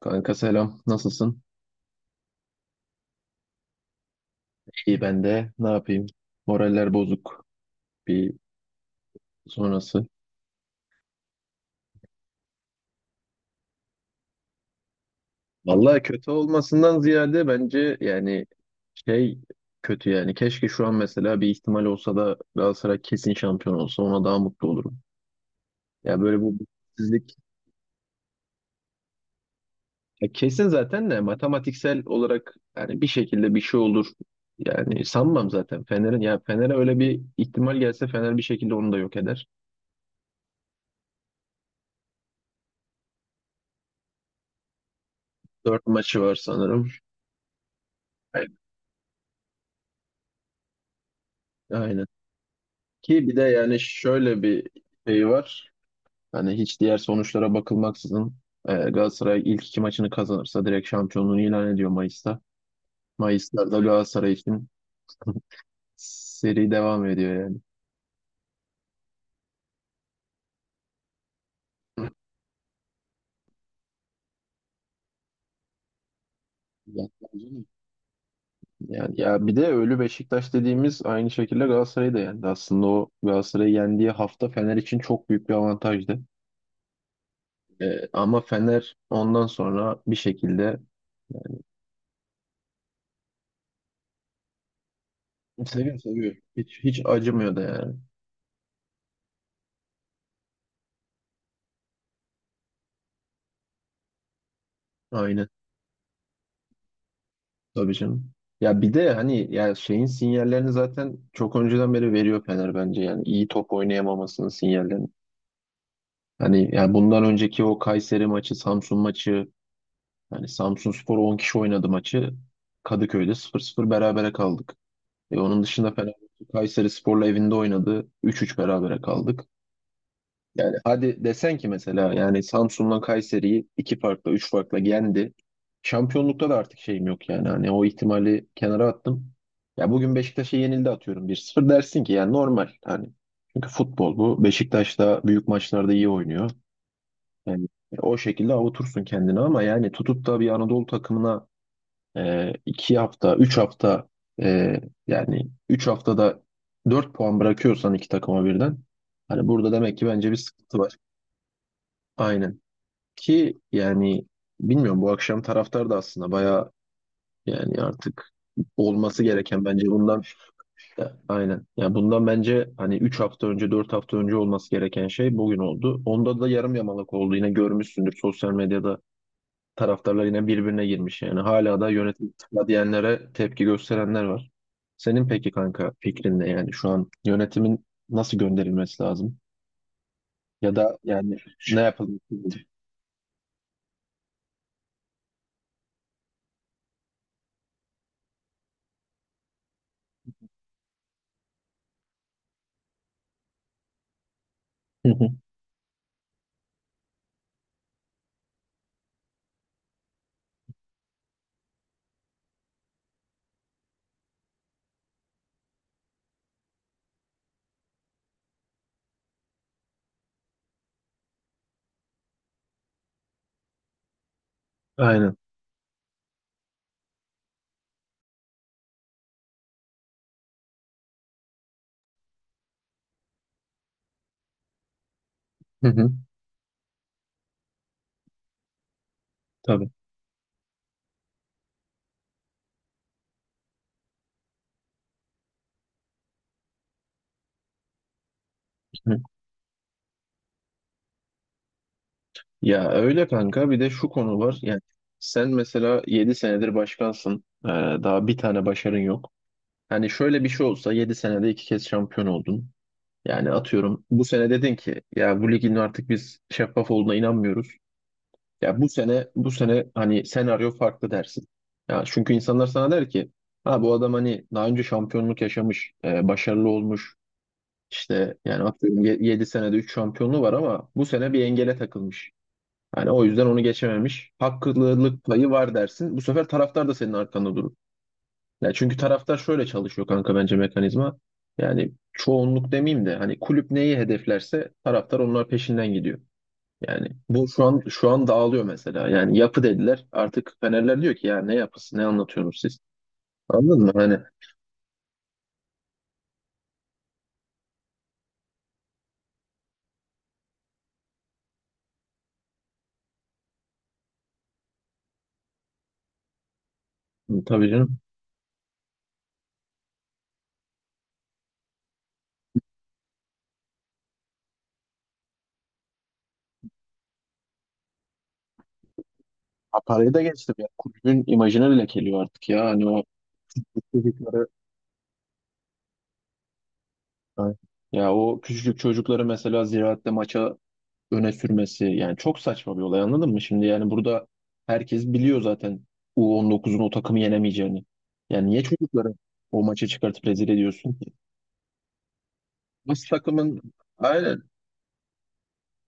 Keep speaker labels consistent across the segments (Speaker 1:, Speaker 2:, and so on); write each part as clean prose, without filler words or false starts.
Speaker 1: Kanka, selam. Nasılsın? İyi, ben de. Ne yapayım? Moraller bozuk. Bir sonrası. Vallahi kötü olmasından ziyade bence yani şey kötü yani. Keşke şu an mesela bir ihtimal olsa da Galatasaray kesin şampiyon olsa, ona daha mutlu olurum. Ya böyle bu mutsuzluk ya kesin zaten de, matematiksel olarak yani bir şekilde bir şey olur. Yani sanmam zaten Fener'in, ya Fener'e öyle bir ihtimal gelse Fener bir şekilde onu da yok eder. 4 maçı var sanırım. Aynen. Ki bir de yani şöyle bir şey var. Hani hiç diğer sonuçlara bakılmaksızın Galatasaray ilk 2 maçını kazanırsa direkt şampiyonluğunu ilan ediyor Mayıs'ta. Mayıs'ta da Galatasaray için seri devam ediyor yani. Ya, yani ya bir de ölü Beşiktaş dediğimiz aynı şekilde Galatasaray'ı da yendi. Aslında o Galatasaray'ı yendiği hafta Fener için çok büyük bir avantajdı. Ama Fener ondan sonra bir şekilde seviyor, seviyor. Hiç, hiç acımıyor da yani. Aynen. Tabii canım. Ya bir de hani ya şeyin sinyallerini zaten çok önceden beri veriyor Fener bence, yani iyi top oynayamamasının sinyallerini. Hani ya bundan önceki o Kayseri maçı, Samsun maçı, yani Samsunspor 10 kişi oynadı maçı. Kadıköy'de 0-0 berabere kaldık. Onun dışında Fener Kayseri Spor'la evinde oynadı. 3-3 berabere kaldık. Yani hadi desen ki mesela yani Samsun'la Kayseri'yi 2 farkla, 3 farkla yendi. Şampiyonlukta da artık şeyim yok yani. Hani o ihtimali kenara attım. Ya bugün Beşiktaş'a yenildi, atıyorum 1-0, dersin ki yani normal hani. Çünkü futbol bu. Beşiktaş da büyük maçlarda iyi oynuyor. Yani o şekilde avutursun kendini ama yani tutup da bir Anadolu takımına 2 hafta, 3 hafta e, yani 3 haftada 4 puan bırakıyorsan 2 takıma birden, hani burada demek ki bence bir sıkıntı var. Aynen. Ki yani bilmiyorum, bu akşam taraftar da aslında bayağı, yani artık olması gereken bence bundan aynen. Yani bundan bence hani 3 hafta önce, 4 hafta önce olması gereken şey bugün oldu. Onda da yarım yamalak oldu. Yine görmüşsündür, sosyal medyada taraftarlar yine birbirine girmiş yani. Hala da yönetim istifa diyenlere tepki gösterenler var. Senin peki kanka fikrin ne, yani şu an yönetimin nasıl gönderilmesi lazım? Ya da yani ne yapılması lazım? Aynen. Hı hı. Tabii. Ya öyle kanka, bir de şu konu var. Yani sen mesela 7 senedir başkansın. Daha bir tane başarın yok. Hani şöyle bir şey olsa, 7 senede 2 kez şampiyon oldun. Yani atıyorum bu sene dedin ki ya bu ligin artık biz şeffaf olduğuna inanmıyoruz. Ya bu sene hani senaryo farklı dersin. Ya çünkü insanlar sana der ki ha bu adam hani daha önce şampiyonluk yaşamış, başarılı olmuş. İşte yani atıyorum 7 senede 3 şampiyonluğu var ama bu sene bir engele takılmış. Yani o yüzden onu geçememiş. Haklılık payı var dersin. Bu sefer taraftar da senin arkanda durur. Ya çünkü taraftar şöyle çalışıyor kanka, bence mekanizma. Yani çoğunluk demeyeyim de hani kulüp neyi hedeflerse taraftar onlar peşinden gidiyor. Yani bu şu an dağılıyor mesela. Yani yapı dediler. Artık Fenerler diyor ki ya ne yapısı, ne anlatıyorsunuz siz? Anladın mı? Hani hı, tabii canım. Ha, parayı da geçtim ya. Kulübün imajını lekeliyor artık ya. Hani o çocukları, ya o küçücük çocukları mesela Ziraat'te maça öne sürmesi yani çok saçma bir olay, anladın mı? Şimdi yani burada herkes biliyor zaten U19'un o takımı yenemeyeceğini. Yani niye çocukları o maça çıkartıp rezil ediyorsun ki? As takımın, aynen.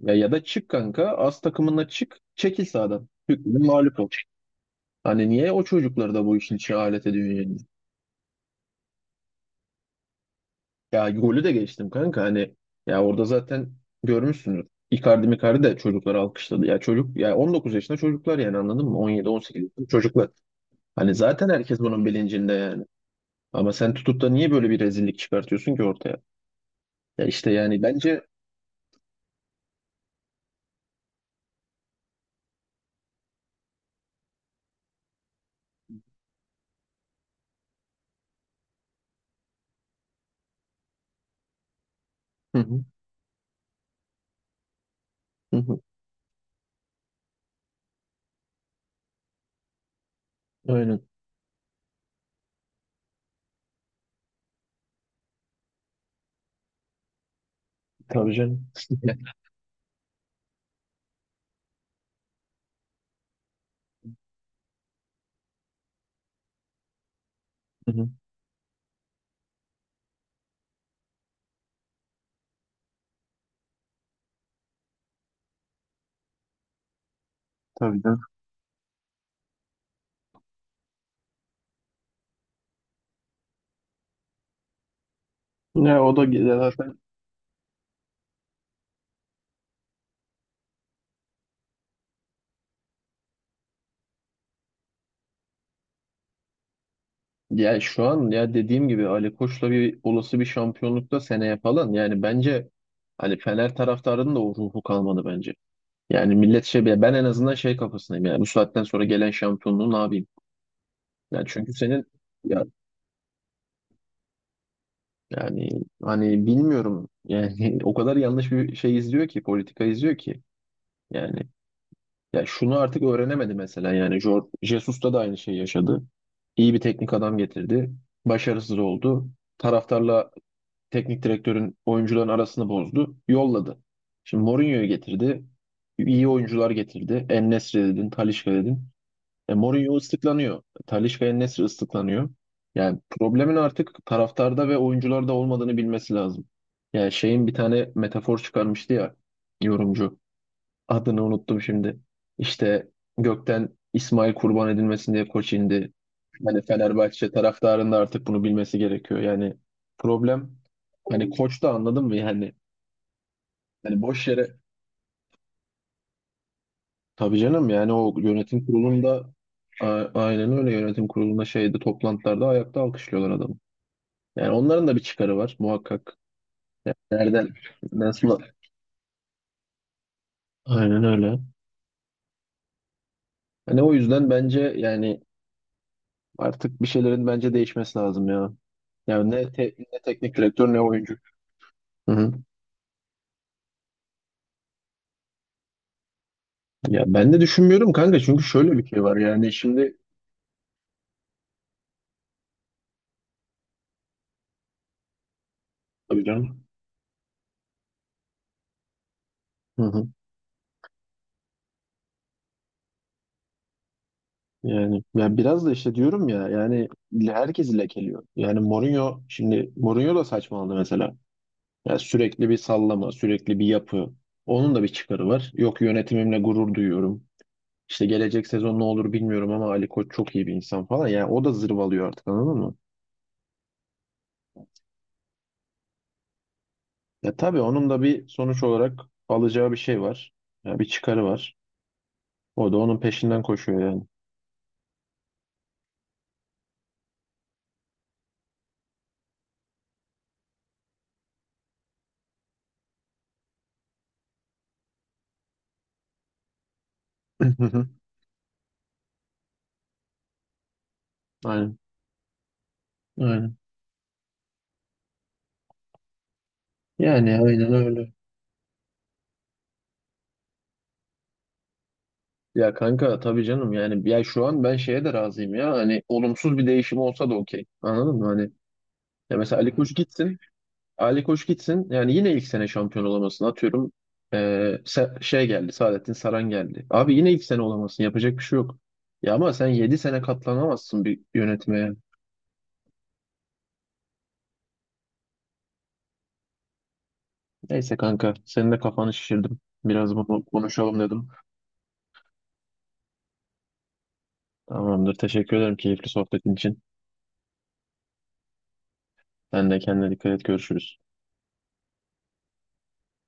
Speaker 1: Ya, ya da çık kanka, as takımına çık, çekil sahadan. Hükmün mağlup ol. Hani niye o çocukları da bu işin içine alet ediyor yani? Ya golü de geçtim kanka, hani ya orada zaten görmüşsündür. Icardi Micardi de çocukları alkışladı. Ya çocuk, ya 19 yaşında çocuklar yani, anladın mı? 17 18 yaşında çocuklar. Hani zaten herkes bunun bilincinde yani. Ama sen tutup da niye böyle bir rezillik çıkartıyorsun ki ortaya? Ya işte yani bence hı hı, hı hı. Aynen. Tabii canım. Hı hı. Tabii canım. Ya o da güzel zaten. Ya şu an ya dediğim gibi Ali Koç'la bir olası bir şampiyonlukta seneye falan, yani bence hani Fener taraftarının da o ruhu kalmadı bence. Yani millet şey, ben en azından şey kafasındayım yani, bu saatten sonra gelen şampiyonluğu ne yapayım? Yani çünkü senin ya yani hani bilmiyorum yani o kadar yanlış bir şey izliyor ki, politika izliyor ki yani. Ya şunu artık öğrenemedi mesela, yani Jesus'ta da aynı şeyi yaşadı. İyi bir teknik adam getirdi. Başarısız oldu. Taraftarla teknik direktörün, oyuncuların arasını bozdu. Yolladı. Şimdi Mourinho'yu getirdi. İyi oyuncular getirdi. En-Nesyri dedin, Talisca dedin. Mourinho ıslıklanıyor. Talisca, En-Nesyri ıslıklanıyor. Yani problemin artık taraftarda ve oyuncularda olmadığını bilmesi lazım. Yani şeyin bir tane metafor çıkarmıştı ya, yorumcu. Adını unuttum şimdi. İşte gökten İsmail kurban edilmesin diye koç indi. Hani Fenerbahçe taraftarının da artık bunu bilmesi gerekiyor. Yani problem hani koç da, anladın mı? Yani, hani boş yere. Tabii canım, yani o yönetim kurulunda aynen öyle, yönetim kurulunda, şeyde, toplantılarda ayakta alkışlıyorlar adamı. Yani onların da bir çıkarı var muhakkak. Yani nereden, nasıl? Aynen öyle. Hani o yüzden bence yani artık bir şeylerin bence değişmesi lazım ya. Yani ne, ne teknik direktör, ne oyuncu. Hı hı. Ya ben de düşünmüyorum kanka, çünkü şöyle bir şey var yani şimdi tabii canım. Hı hı. Yani ya biraz da işte diyorum ya, yani herkesi lekeliyor. Yani Mourinho şimdi, Mourinho da saçmaladı mesela. Yani sürekli bir sallama, sürekli bir yapı. Onun da bir çıkarı var. Yok, yönetimimle gurur duyuyorum. İşte gelecek sezon ne olur bilmiyorum ama Ali Koç çok iyi bir insan falan. Yani o da zırvalıyor artık, anladın mı? Ya tabii onun da bir sonuç olarak alacağı bir şey var. Ya bir çıkarı var. O da onun peşinden koşuyor yani. Aynen. Aynen. Yani aynen öyle. Ya kanka tabii canım, yani ya şu an ben şeye de razıyım ya, hani olumsuz bir değişim olsa da okey. Anladın mı? Hani ya mesela Ali Koç gitsin, Ali Koç gitsin. Yani yine ilk sene şampiyon olamasın. Atıyorum şey geldi. Saadettin Saran geldi. Abi yine ilk sene olamasın. Yapacak bir şey yok. Ya ama sen 7 sene katlanamazsın bir yönetmeye. Neyse kanka. Senin de kafanı şişirdim. Biraz bunu konuşalım dedim. Tamamdır. Teşekkür ederim keyifli sohbetin için. Sen de kendine dikkat et. Görüşürüz.